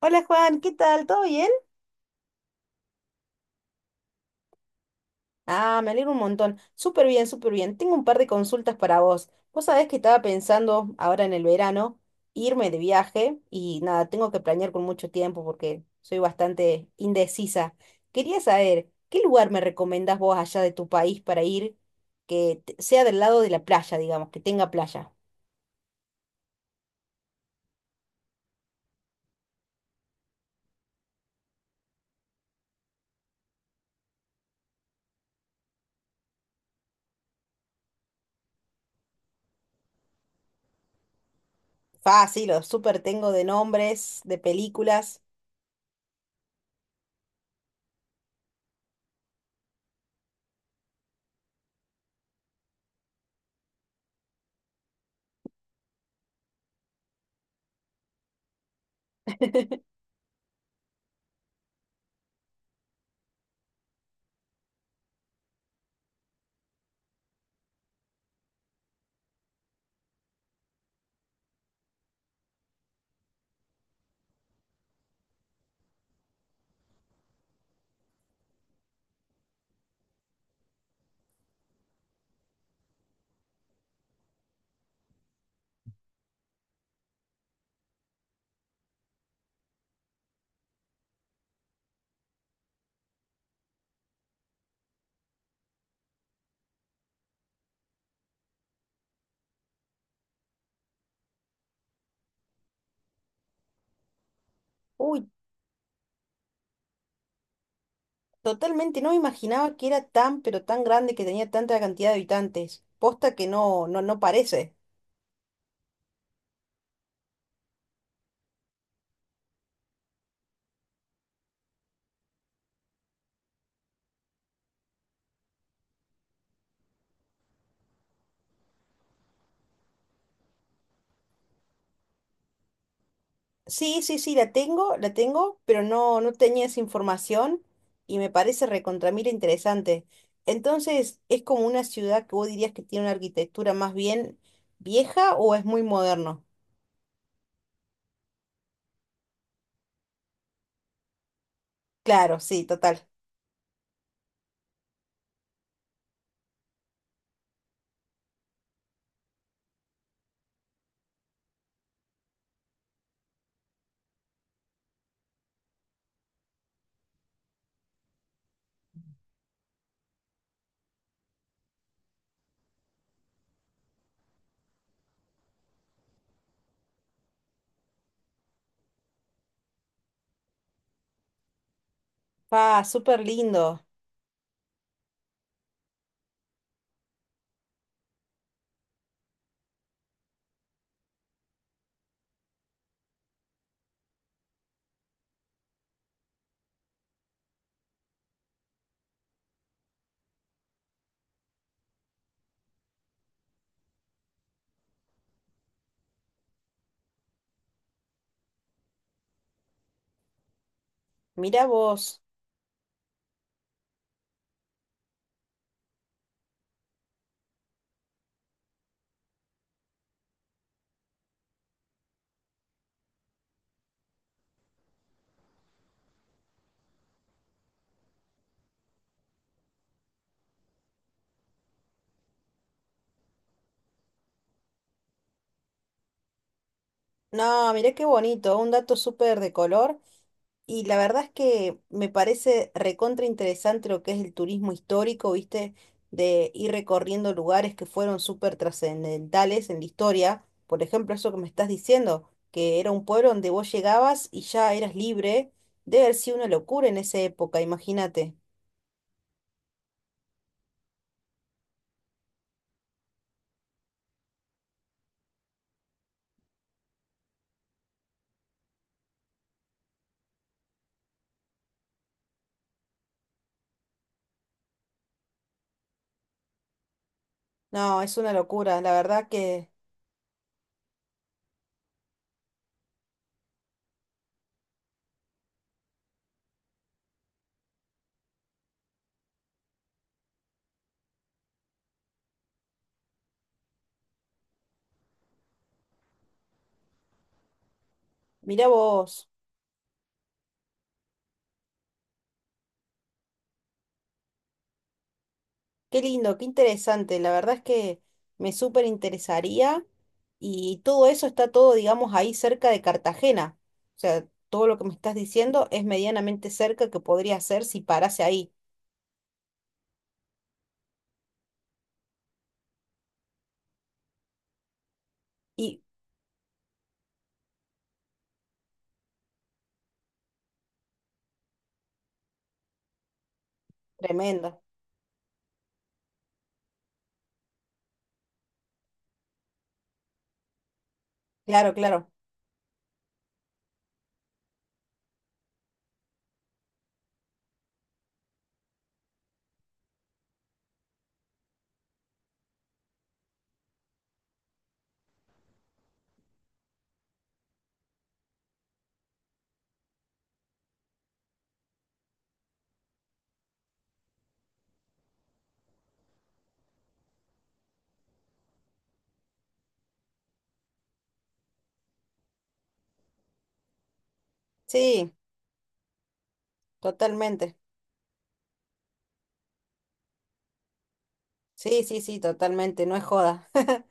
Hola Juan, ¿qué tal? ¿Todo bien? Ah, me alegro un montón. Súper bien, súper bien. Tengo un par de consultas para vos. Vos sabés que estaba pensando ahora en el verano irme de viaje y nada, tengo que planear con mucho tiempo porque soy bastante indecisa. Quería saber, ¿qué lugar me recomendás vos allá de tu país para ir que sea del lado de la playa, digamos, que tenga playa? Fácil, los súper tengo de nombres, de películas. Uy, totalmente, no me imaginaba que era tan, pero tan grande que tenía tanta cantidad de habitantes. Posta que no, no, no parece. Sí, sí, sí, la tengo, pero no, no tenía esa información y me parece recontra mil interesante. Entonces, ¿es como una ciudad que vos dirías que tiene una arquitectura más bien vieja o es muy moderno? Claro, sí, total. Pa, súper lindo. Mirá vos. No, mirá qué bonito, un dato súper de color. Y la verdad es que me parece recontra interesante lo que es el turismo histórico, ¿viste? De ir recorriendo lugares que fueron súper trascendentales en la historia. Por ejemplo, eso que me estás diciendo, que era un pueblo donde vos llegabas y ya eras libre. Debe haber sido una locura en esa época, imagínate. No, es una locura, la verdad que... Mirá vos. Qué lindo, qué interesante. La verdad es que me súper interesaría y todo eso está todo, digamos, ahí cerca de Cartagena. O sea, todo lo que me estás diciendo es medianamente cerca que podría hacer si parase ahí. Y tremendo. Claro, claro. Sí, totalmente. Sí, sí, sí, totalmente. No es joda.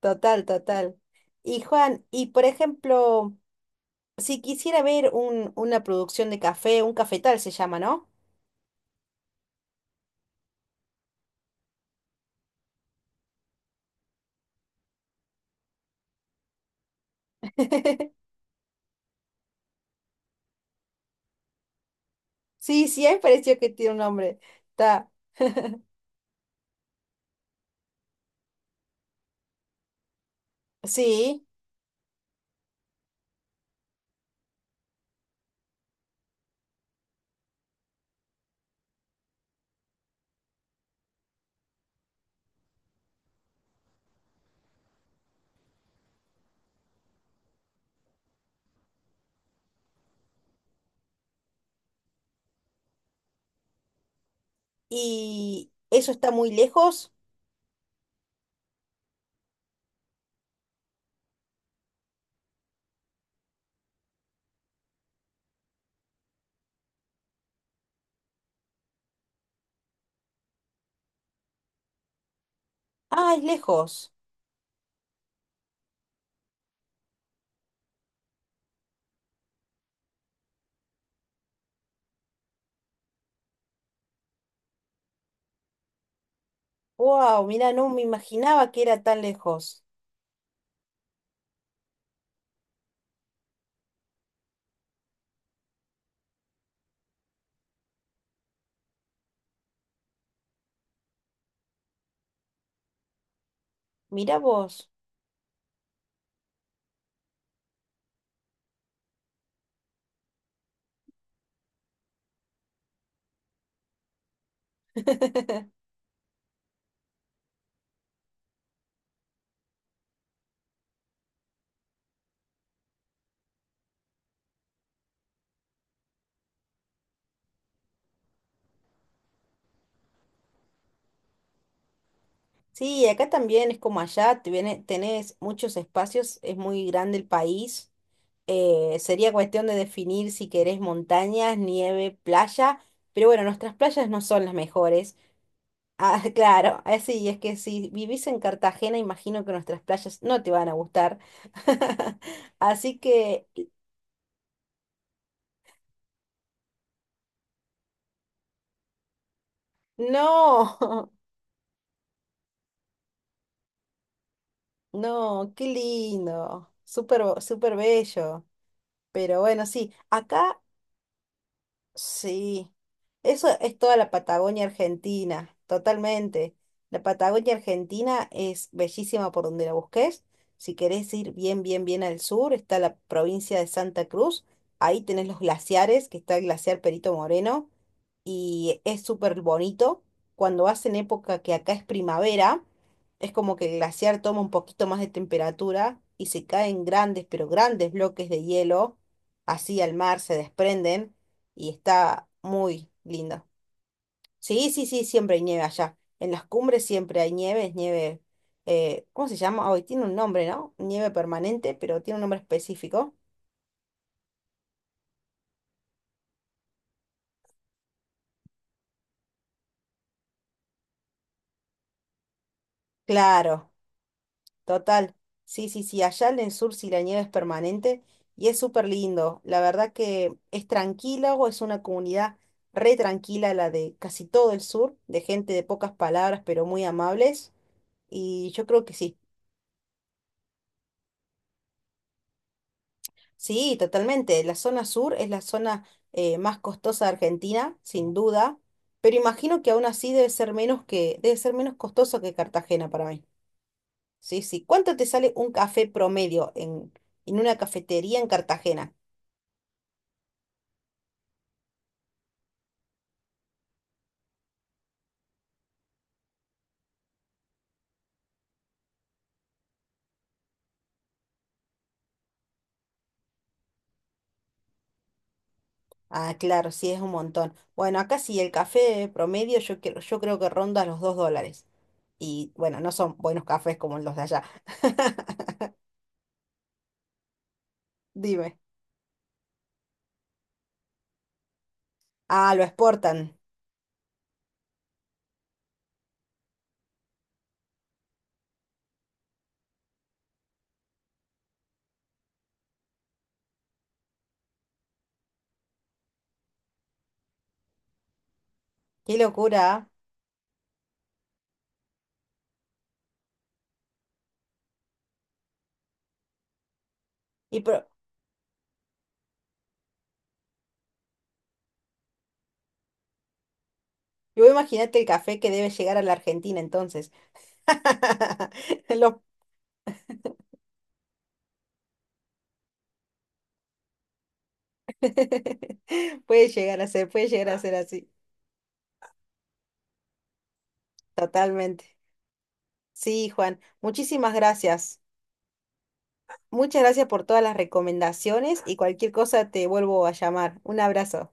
Total, total. Y Juan, y por ejemplo, si quisiera ver un, una producción de café, un cafetal se llama, ¿no? Sí, sí, me pareció que tiene un nombre. Ta. Sí, y eso está muy lejos. Ah, es lejos. Wow, mira, no me imaginaba que era tan lejos. Mira vos. Sí, acá también es como allá, tenés muchos espacios, es muy grande el país. Sería cuestión de definir si querés montañas, nieve, playa, pero bueno, nuestras playas no son las mejores. Ah, claro, así es que si vivís en Cartagena, imagino que nuestras playas no te van a gustar. Así que no, no, qué lindo, súper, súper bello. Pero bueno, sí, acá sí, eso es toda la Patagonia Argentina, totalmente. La Patagonia Argentina es bellísima por donde la busques. Si querés ir bien, bien, bien al sur, está la provincia de Santa Cruz. Ahí tenés los glaciares, que está el glaciar Perito Moreno, y es súper bonito. Cuando vas en época que acá es primavera, es como que el glaciar toma un poquito más de temperatura y se caen grandes, pero grandes bloques de hielo, así al mar se desprenden y está muy lindo. Sí, sí, sí, siempre hay nieve allá. En las cumbres siempre hay nieve, es nieve, ¿cómo se llama? Hoy tiene un nombre, ¿no? Nieve permanente, pero tiene un nombre específico. Claro, total. Sí, sí, sí, allá en el sur sí la nieve es permanente y es súper lindo. La verdad que es tranquilo, es una comunidad re tranquila la de casi todo el sur, de gente de pocas palabras, pero muy amables. Y yo creo que sí. Sí, totalmente. La zona sur es la zona más costosa de Argentina, sin duda, pero imagino que aún así debe ser menos que, debe ser menos costoso que Cartagena para mí. Sí, sí. ¿Cuánto te sale un café promedio en una cafetería en Cartagena? Ah, claro, sí, es un montón. Bueno, acá sí, el café promedio yo, yo creo que ronda los $2. Y bueno, no son buenos cafés como los de allá. Dime. Ah, lo exportan. Qué locura. ¿Ah? Y, pro- y vos imaginate el café que debe llegar a la Argentina entonces. Lo- Puede llegar a ser, puede llegar a ser así, totalmente. Sí, Juan, muchísimas gracias. Muchas gracias por todas las recomendaciones y cualquier cosa te vuelvo a llamar. Un abrazo.